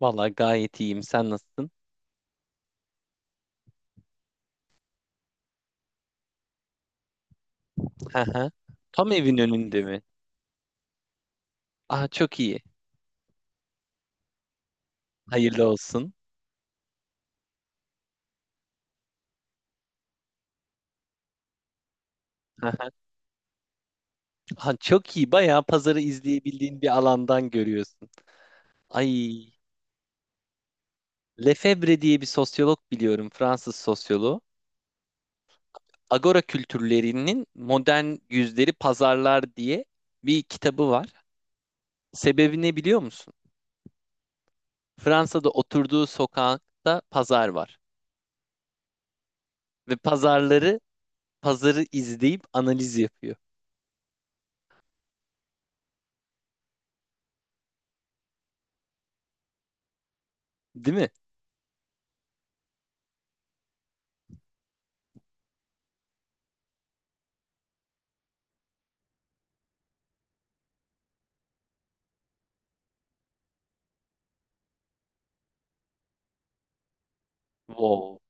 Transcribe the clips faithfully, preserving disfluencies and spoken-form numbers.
Vallahi gayet iyiyim. Sen nasılsın? Hı hı. Tam evin önünde mi? Aa çok iyi. Hayırlı olsun. Hı hı. Aha, çok iyi. Bayağı pazarı izleyebildiğin bir alandan görüyorsun. Ay, Lefebvre diye bir sosyolog biliyorum, Fransız sosyoloğu. Agora kültürlerinin modern yüzleri pazarlar diye bir kitabı var. Sebebi ne biliyor musun? Fransa'da oturduğu sokakta pazar var ve pazarları pazarı izleyip analiz yapıyor. Değil mi? Wow.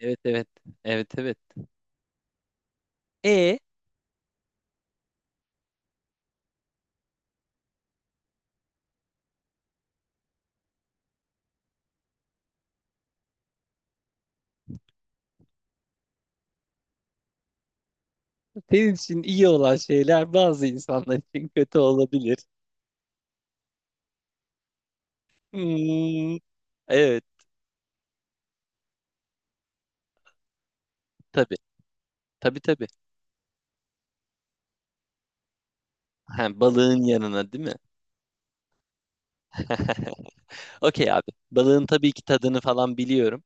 Evet evet. Evet evet. E Senin için iyi olan şeyler bazı insanlar için kötü olabilir. Hmm, evet tabii. Tabii tabii. Ha, balığın yanına değil mi? Okey abi. Balığın tabii ki tadını falan biliyorum.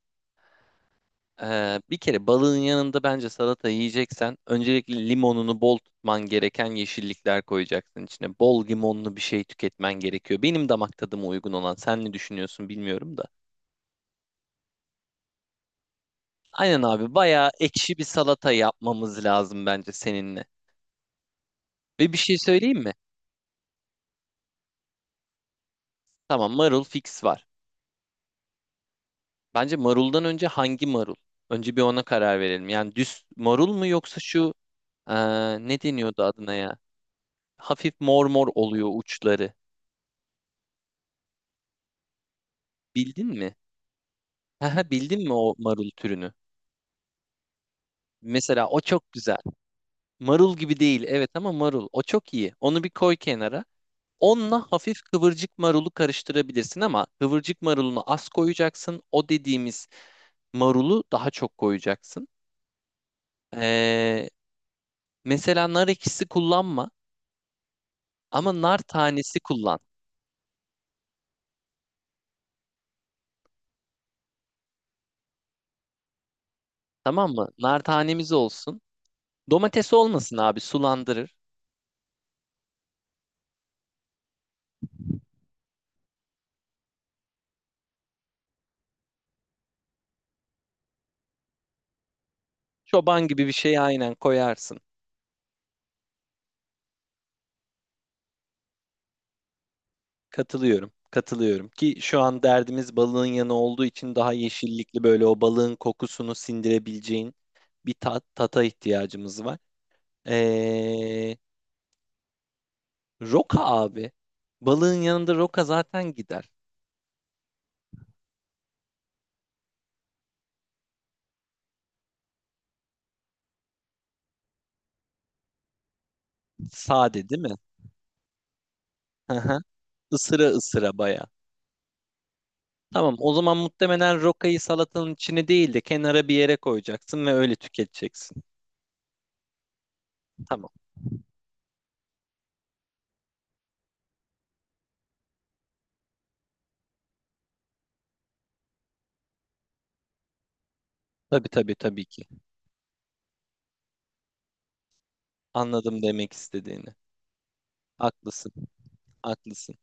Ee, bir kere balığın yanında bence salata yiyeceksen öncelikle limonunu bol tutman gereken yeşillikler koyacaksın içine. Bol limonlu bir şey tüketmen gerekiyor. Benim damak tadıma uygun olan. Sen ne düşünüyorsun bilmiyorum da. Aynen abi bayağı ekşi bir salata yapmamız lazım bence seninle. Ve bir şey söyleyeyim mi? Tamam marul fix var. Bence maruldan önce hangi marul? Önce bir ona karar verelim. Yani düz marul mu yoksa şu eee, ne deniyordu adına ya? Hafif mor mor oluyor uçları. Bildin mi? Haha, Bildin mi o marul türünü? Mesela o çok güzel. Marul gibi değil evet ama marul. O çok iyi. Onu bir koy kenara. Onunla hafif kıvırcık marulu karıştırabilirsin ama kıvırcık marulunu az koyacaksın. O dediğimiz marulu daha çok koyacaksın. Ee, Mesela nar ekşisi kullanma ama nar tanesi kullan. Tamam mı? Nar tanemiz olsun. Domates olmasın abi sulandırır. Çoban gibi bir şey aynen koyarsın. Katılıyorum. Katılıyorum ki şu an derdimiz balığın yanı olduğu için daha yeşillikli böyle o balığın kokusunu sindirebileceğin bir tat, tata ihtiyacımız var. Ee, Roka abi. Balığın yanında roka zaten gider. Sade değil mi? Hı hı. Isıra ısıra baya. Tamam o zaman muhtemelen rokayı salatanın içine değil de kenara bir yere koyacaksın ve öyle tüketeceksin. Tamam. Tabii tabii tabii ki. Anladım demek istediğini. Haklısın, haklısın.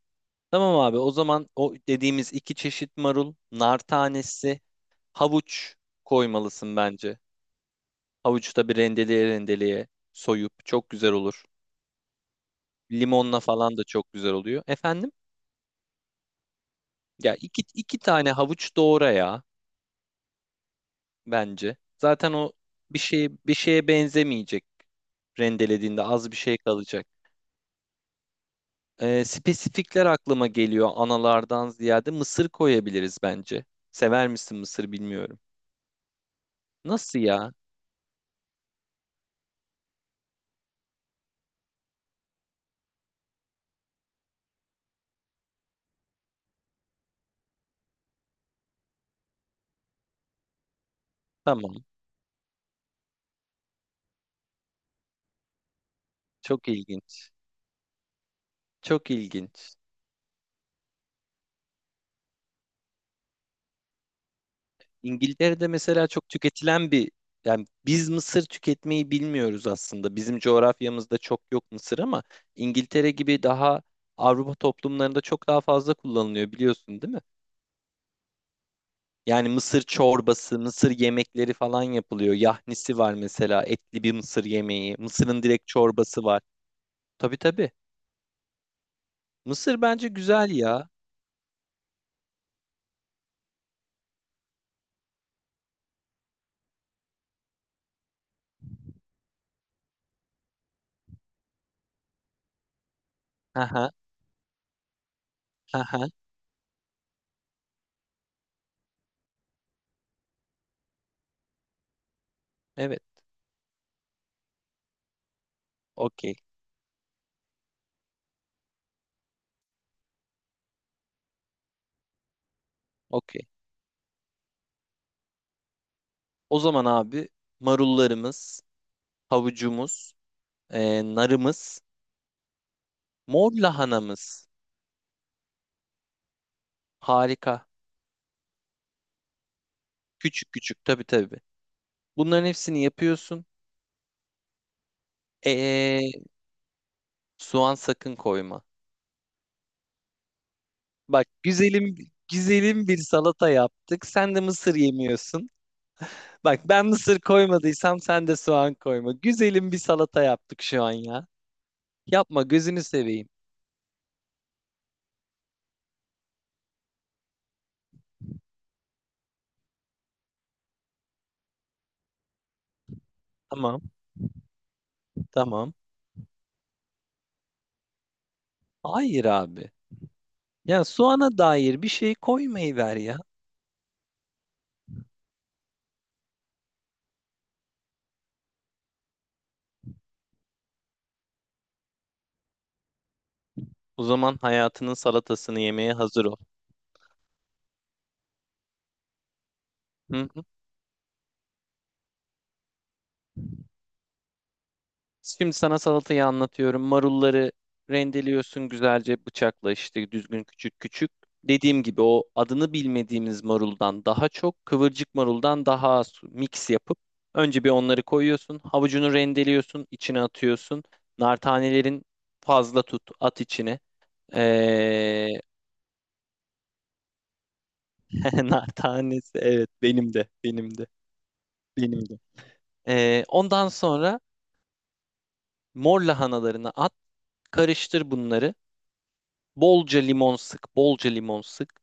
Tamam abi o zaman o dediğimiz iki çeşit marul, nar tanesi, havuç koymalısın bence. Havucu da bir rendeleye rendeleye soyup çok güzel olur. Limonla falan da çok güzel oluyor. Efendim? Ya iki, iki tane havuç doğra ya bence. Zaten o bir şeye bir şeye benzemeyecek rendelediğinde az bir şey kalacak. Ee, spesifikler aklıma geliyor analardan ziyade mısır koyabiliriz bence. Sever misin mısır bilmiyorum. Nasıl ya? Tamam. Çok ilginç. Çok ilginç. İngiltere'de mesela çok tüketilen bir yani biz mısır tüketmeyi bilmiyoruz aslında. Bizim coğrafyamızda çok yok mısır ama İngiltere gibi daha Avrupa toplumlarında çok daha fazla kullanılıyor biliyorsun değil mi? Yani mısır çorbası, mısır yemekleri falan yapılıyor. Yahnisi var mesela etli bir mısır yemeği. Mısırın direkt çorbası var. Tabii tabii. Mısır bence güzel ya. Haha, haha. Evet. Okey. Okey. O zaman abi marullarımız, havucumuz, e, narımız. Mor lahanamız. Harika. Küçük küçük tabii tabii. Bunların hepsini yapıyorsun. Ee, Soğan sakın koyma. Bak güzelim güzelim bir salata yaptık. Sen de mısır yemiyorsun. Bak ben mısır koymadıysam sen de soğan koyma. Güzelim bir salata yaptık şu an ya. Yapma gözünü seveyim. Tamam, tamam. Hayır abi. Ya soğana dair bir şey koymayı ver ya. O zaman hayatının salatasını yemeye hazır ol. Hı? Şimdi sana salatayı anlatıyorum. Marulları rendeliyorsun güzelce bıçakla işte düzgün küçük küçük. Dediğim gibi o adını bilmediğimiz maruldan daha çok kıvırcık maruldan daha az mix yapıp önce bir onları koyuyorsun. Havucunu rendeliyorsun, içine atıyorsun. Nar tanelerin fazla tut, at içine. Ee, nar tanesi evet benim de benim de benim de. Ee, ondan sonra mor lahanalarını at, karıştır bunları. Bolca limon sık, bolca limon sık.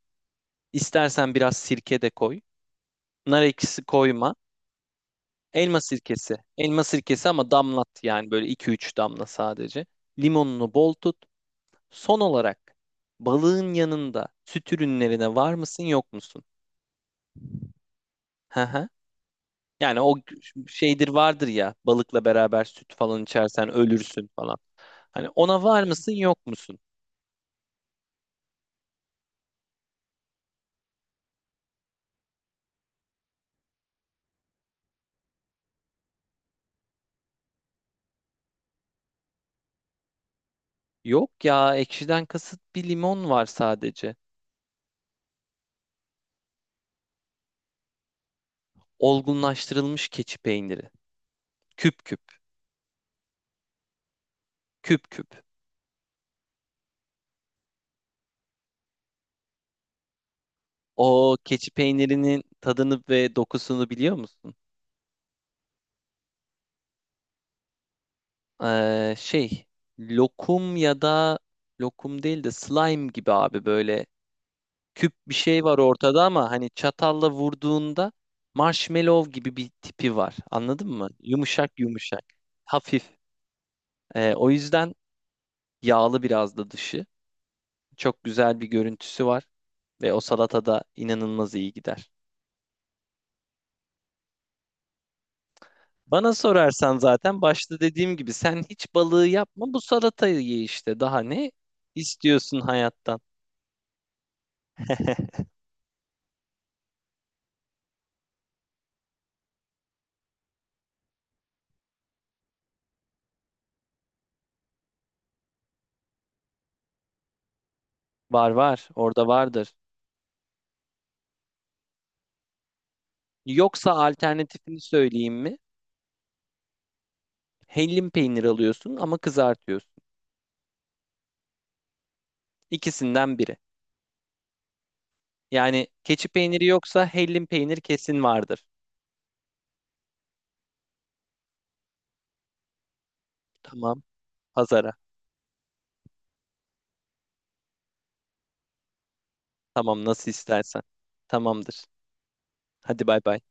İstersen biraz sirke de koy. Nar ekşisi koyma. Elma sirkesi. Elma sirkesi ama damlat yani böyle iki üç damla sadece. Limonunu bol tut. Son olarak balığın yanında süt ürünlerine var mısın yok musun? Hı hı. Yani o şeydir vardır ya balıkla beraber süt falan içersen ölürsün falan. Hani ona var mısın yok musun? Yok ya ekşiden kasıt bir limon var sadece. Olgunlaştırılmış keçi peyniri. Küp küp. Küp küp. O keçi peynirinin tadını ve dokusunu biliyor musun? Ee, şey lokum ya da lokum değil de slime gibi abi böyle küp bir şey var ortada ama hani çatalla vurduğunda marshmallow gibi bir tipi var. Anladın mı? Yumuşak yumuşak. Hafif. Ee, o yüzden yağlı biraz da dışı. Çok güzel bir görüntüsü var ve o salatada inanılmaz iyi gider. Bana sorarsan zaten başta dediğim gibi sen hiç balığı yapma bu salatayı ye işte. Daha ne istiyorsun hayattan? Var var orada vardır. Yoksa alternatifini söyleyeyim mi? Hellim peynir alıyorsun ama kızartıyorsun. İkisinden biri. Yani keçi peyniri yoksa hellim peynir kesin vardır. Tamam pazara. Tamam nasıl istersen. Tamamdır. Hadi bay bay.